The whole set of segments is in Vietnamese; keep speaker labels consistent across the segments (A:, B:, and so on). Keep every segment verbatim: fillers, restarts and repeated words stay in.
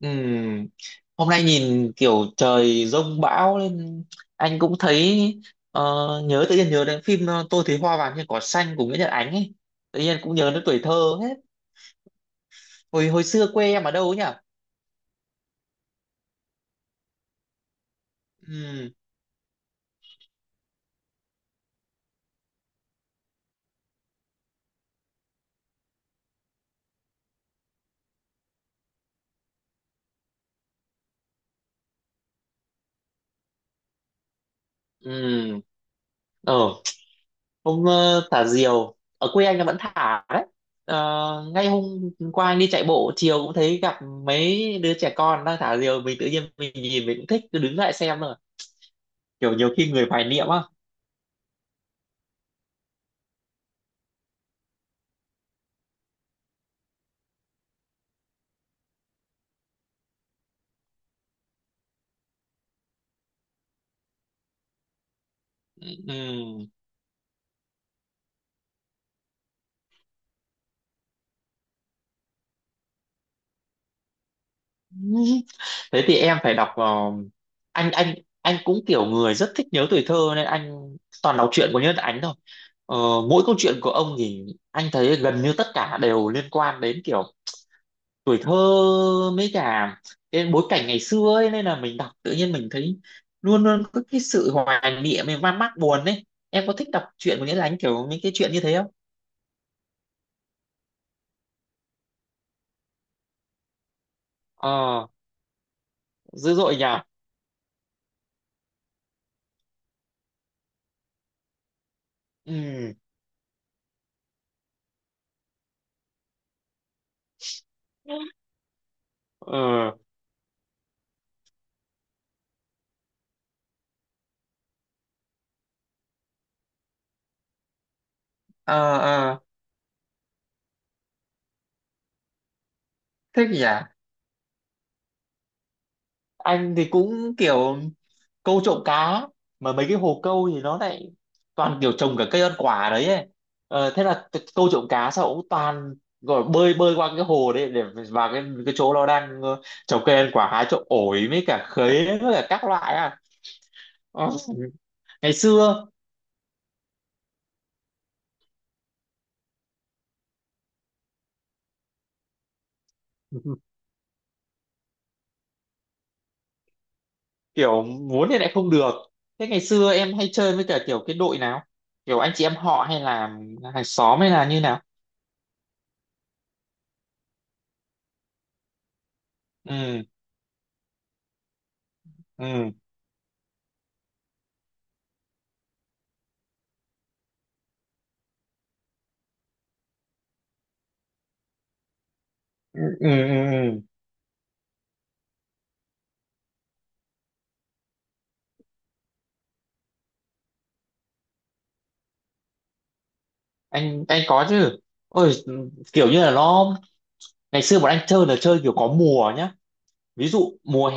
A: Ừm, Hôm nay nhìn kiểu trời giông bão nên anh cũng thấy ờ, nhớ tự nhiên nhớ đến phim ờ, Tôi thấy hoa vàng trên cỏ xanh của Nguyễn Nhật Ánh ấy. Tự nhiên cũng nhớ đến tuổi thơ hết. Hồi hồi xưa quê em ở đâu ấy nhỉ? Ừm, ừm. Ờ, hôm ờ, thả diều ở quê anh là vẫn thả đấy. Ờ, ngay hôm qua anh đi chạy bộ chiều cũng thấy gặp mấy đứa trẻ con đang thả diều, mình tự nhiên mình nhìn mình cũng thích cứ đứng lại xem rồi, kiểu nhiều khi người hoài niệm á. Ừm. Thế thì em phải đọc vào, anh. Anh anh cũng kiểu người rất thích nhớ tuổi thơ nên anh toàn đọc truyện của Nhân Ánh thôi. ờ, Mỗi câu chuyện của ông thì anh thấy gần như tất cả đều liên quan đến kiểu tuổi thơ mấy cả cái bối cảnh ngày xưa ấy, nên là mình đọc tự nhiên mình thấy luôn luôn có cái sự hoài niệm mình man mác buồn ấy. Em có thích đọc truyện của Nhân Ánh kiểu những cái chuyện như thế không? ờ Dữ dội nhỉ. Ừ. Ờ. Ờ. Ờ. Thích nhỉ. Anh thì cũng kiểu câu trộm cá, mà mấy cái hồ câu thì nó lại toàn kiểu trồng cả cây ăn quả đấy ấy. Ờ, thế là t- câu trộm cá sao cũng toàn gọi là bơi bơi qua cái hồ đấy để vào cái cái chỗ nó đang ờ, trồng cây ăn quả, hái trộm ổi với cả khế với cả các loại à. Ờ, Ngày xưa. Kiểu muốn thì lại không được. Thế ngày xưa em hay chơi với cả kiểu cái đội nào, kiểu anh chị em họ hay là hàng xóm hay là như nào? Ừ. Ừ. Ừ. Ừ. Ừ. Ừ. anh anh có chứ. Ôi, kiểu như là nó, ngày xưa bọn anh chơi là chơi kiểu có mùa nhá, ví dụ mùa hè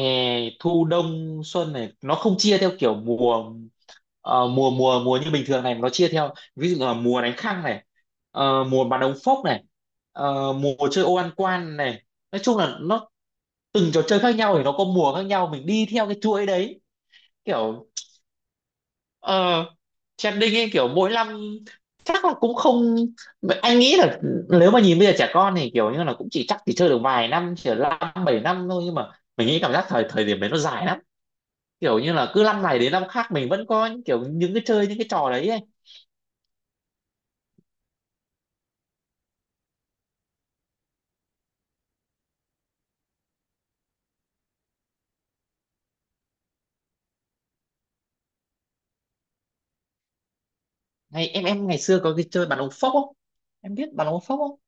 A: thu đông xuân này nó không chia theo kiểu mùa, ờ, mùa mùa mùa như bình thường này, mà nó chia theo ví dụ là mùa đánh khăng này, ờ, mùa bắn ống phốc này, ờ, mùa chơi ô ăn quan này. Nói chung là nó từng trò chơi khác nhau thì nó có mùa khác nhau, mình đi theo cái chuỗi đấy. Kiểu ờ trending ấy, kiểu mỗi năm chắc là cũng không, anh nghĩ là nếu mà nhìn bây giờ trẻ con thì kiểu như là cũng chỉ chắc chỉ chơi được vài năm, chỉ là năm bảy năm thôi, nhưng mà mình nghĩ cảm giác thời thời điểm đấy nó dài lắm, kiểu như là cứ năm này đến năm khác mình vẫn có những kiểu những cái chơi những cái trò đấy ấy. Ngày em em ngày xưa có cái chơi bàn ống phốc không? Em biết bàn ống phốc không?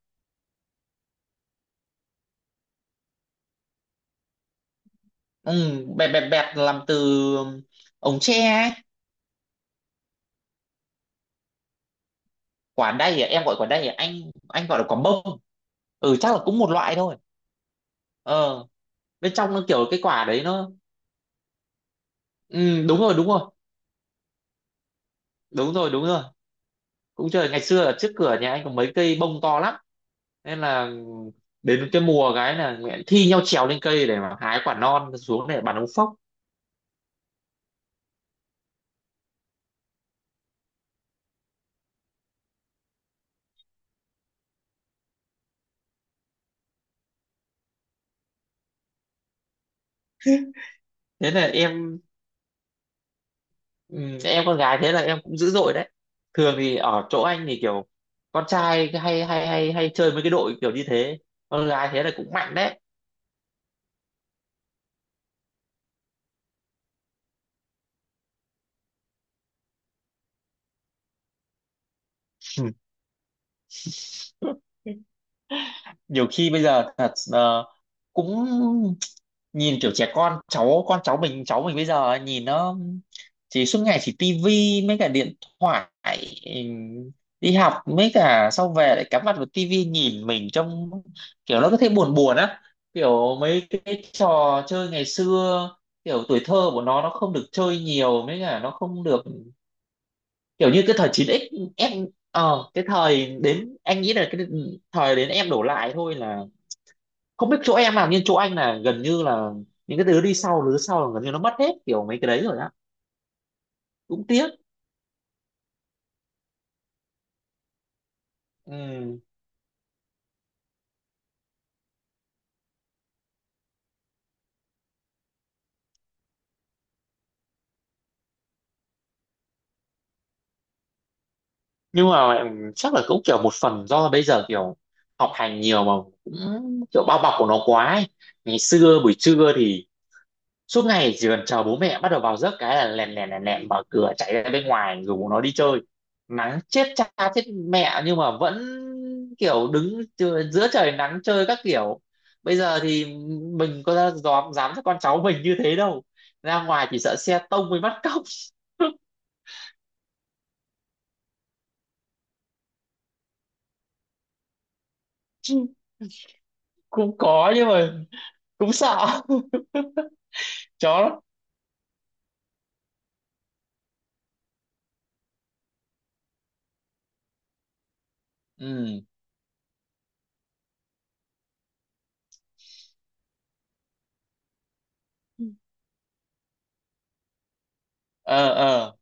A: Ừ, bẹp bẹp bẹp, làm từ ống tre ấy. Quả đay à? Em gọi quả đay à anh? Anh gọi là quả bông. Ừ, chắc là cũng một loại thôi. ờ Bên trong nó kiểu cái quả đấy nó... Ừ, đúng rồi, đúng rồi, đúng rồi, đúng rồi. Cũng trời, ngày xưa ở trước cửa nhà anh có mấy cây bông to lắm, nên là đến cái mùa cái là nguyện thi nhau trèo lên cây để mà hái quả non xuống để bắn ống phốc. Thế là em... Ừ, em con gái thế là em cũng dữ dội đấy. Thường thì ở chỗ anh thì kiểu con trai cái hay hay hay hay chơi với cái đội kiểu như thế, con gái thế là cũng mạnh đấy. Nhiều khi bây giờ thật, ờ, cũng nhìn kiểu trẻ con cháu con cháu mình cháu mình bây giờ ấy, nhìn nó chỉ suốt ngày chỉ tivi mấy cả điện thoại. ừm, Đi học mấy cả sau về lại cắm mặt vào tivi, nhìn mình trông kiểu nó có thể buồn buồn á, kiểu mấy cái trò chơi ngày xưa, kiểu tuổi thơ của nó nó không được chơi nhiều mấy cả nó không được, kiểu như cái thời chín x em, ờ cái thời đến anh nghĩ là cái thời đến em đổ lại thôi, là không biết chỗ em làm nhưng chỗ anh là gần như là những cái đứa đi sau đứa sau là gần như nó mất hết kiểu mấy cái đấy rồi á. Cũng tiếc. Ừ. Nhưng mà em- chắc là cũng kiểu một phần do bây giờ kiểu học hành nhiều mà, cũng kiểu bao bọc của nó quá ấy. Ngày xưa buổi trưa thì suốt ngày chỉ cần chờ bố mẹ bắt đầu vào giấc cái là lèn lèn lèn lèn mở cửa chạy ra bên ngoài rủ nó đi chơi, nắng chết cha chết mẹ nhưng mà vẫn kiểu đứng chờ- giữa trời nắng chơi các kiểu. Bây giờ thì mình có ra dám dám cho con cháu mình như thế đâu, ra ngoài chỉ sợ xe tông với bắt cóc. Cũng có nhưng mà cũng sợ chó lắm. Ừ. Ờ. Ờ.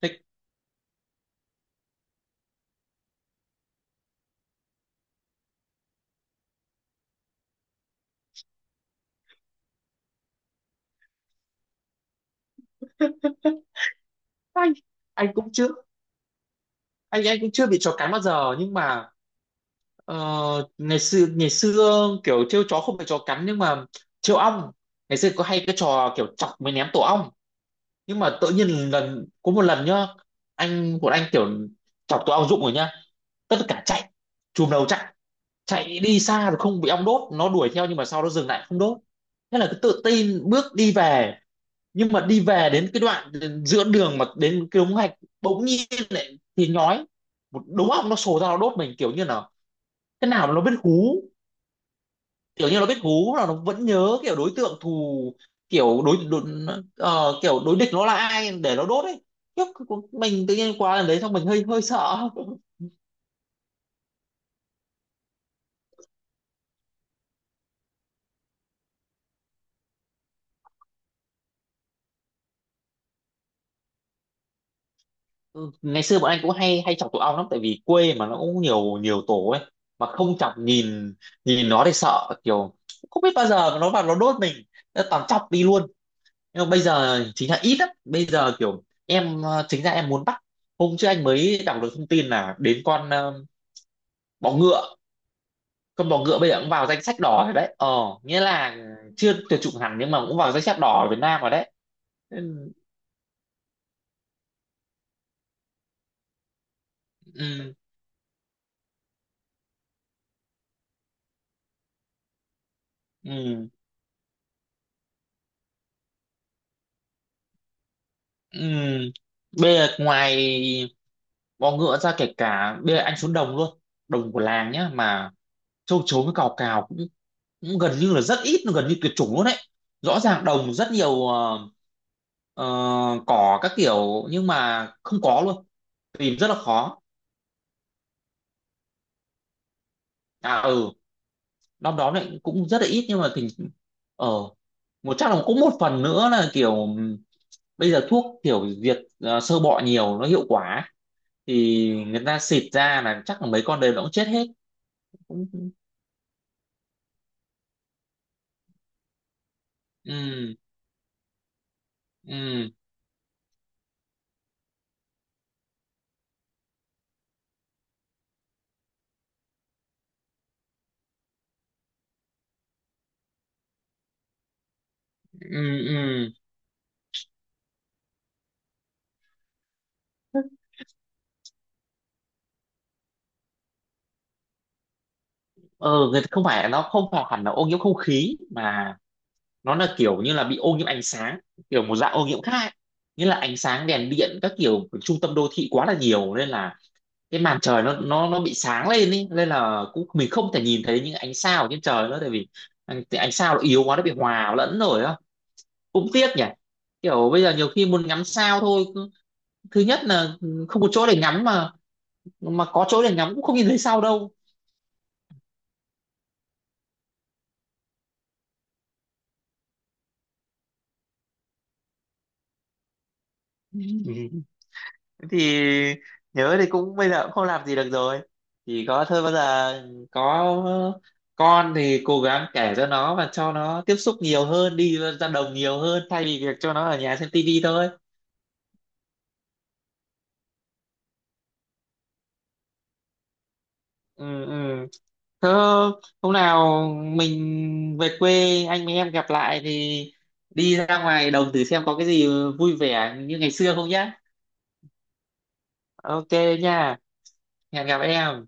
A: Thế- anh anh cũng chưa anh anh cũng chưa bị chó cắn bao giờ nhưng mà... Ờ, ngày xưa ngày xưa kiểu trêu chó không phải chó cắn nhưng mà trêu ong, ngày xưa có hay cái trò kiểu chọc mới ném tổ ong. Nhưng mà tự nhiên lần có một lần nhá, anh một anh kiểu chọc tổ ong rụng rồi nhá, tất cả chạy chùm đầu, chạy chạy đi xa rồi không bị ong đốt, nó đuổi theo nhưng mà sau nó dừng lại không đốt. Thế là cứ tự tin bước đi về, nhưng mà đi về đến cái đoạn giữa đường mà đến cái đống gạch bỗng nhiên lại thì nhói, một đống ong nó sổ ra nó đốt mình, kiểu như là cái nào nó biết hú, kiểu như nó biết hú là nó vẫn nhớ kiểu đối tượng thù, kiểu đối, đối ờ, kiểu đối địch nó là ai để nó đốt ấy. Khiếp, mình tự nhiên qua lần đấy xong mình hơi hơi sợ. Ừ, ngày xưa bọn anh cũng hay hay chọc tụi ong lắm tại vì quê mà nó cũng nhiều nhiều tổ ấy, mà không chọc, nhìn nhìn nó thì sợ kiểu không biết bao giờ nó vào nó đốt mình, nó toàn chọc đi luôn. Nhưng mà bây giờ chính là ít lắm, bây giờ kiểu em ờ, chính ra em muốn bắt, hôm trước anh mới đọc được thông tin là đến con ờ, bọ ngựa, con bò ngựa bây giờ cũng vào danh sách đỏ rồi đấy. ờ Nghĩa là chưa tuyệt chủng hẳn nhưng mà cũng vào danh sách đỏ ở Việt Nam rồi đấy. Ừ, ừ, ừ. Ừ. Bây giờ ngoài bò ngựa ra, kể cả bây giờ anh xuống đồng luôn, đồng của làng nhá, mà châu chấu với cào cào cũng, cũng gần như là rất ít, gần như tuyệt chủng luôn đấy, rõ ràng đồng rất nhiều ờ, ờ, cỏ các kiểu nhưng mà không có luôn, tìm rất là khó. À, ừ, năm đó lại cũng rất là ít nhưng mà thì, ờ một chắc là cũng một phần nữa là kiểu bây giờ thuốc kiểu diệt ờ, sơ bọ nhiều nó hiệu quả, thì người ta xịt ra là chắc là mấy con đấy nó cũng chết hết. Cũng- ừ. Ừ. Ừ. Ừ. ờ Người ta không phải, nó không phải hẳn là ô nhiễm không khí mà nó là kiểu như là bị ô nhiễm ánh sáng, kiểu một dạng ô nhiễm khác ấy. Nghĩa là ánh sáng đèn điện các kiểu của trung tâm đô thị quá là nhiều, nên là cái màn trời nó nó nó bị sáng lên ý, nên là cũng mình không thể nhìn thấy những ánh sao ở trên trời nữa, tại vì ánh, ánh sao nó yếu quá, nó bị hòa lẫn rồi á. Cũng tiếc nhỉ, kiểu bây giờ nhiều khi muốn ngắm sao thôi cứ- thứ nhất là không có chỗ để ngắm, mà mà có chỗ để ngắm cũng không nhìn thấy sao đâu. Ừ. Thế thì nhớ thì cũng bây giờ cũng không làm gì được rồi, chỉ có thôi bây giờ có con thì cố gắng kể cho nó và cho nó tiếp xúc nhiều hơn, đi ra đồng nhiều hơn thay vì việc cho nó ở nhà xem tivi thôi. Ừ, ừ. Thế hôm nào mình về quê anh với em gặp lại thì đi ra ngoài đồng thử xem có cái gì vui vẻ như ngày xưa không nhá. OK nha, hẹn gặp em.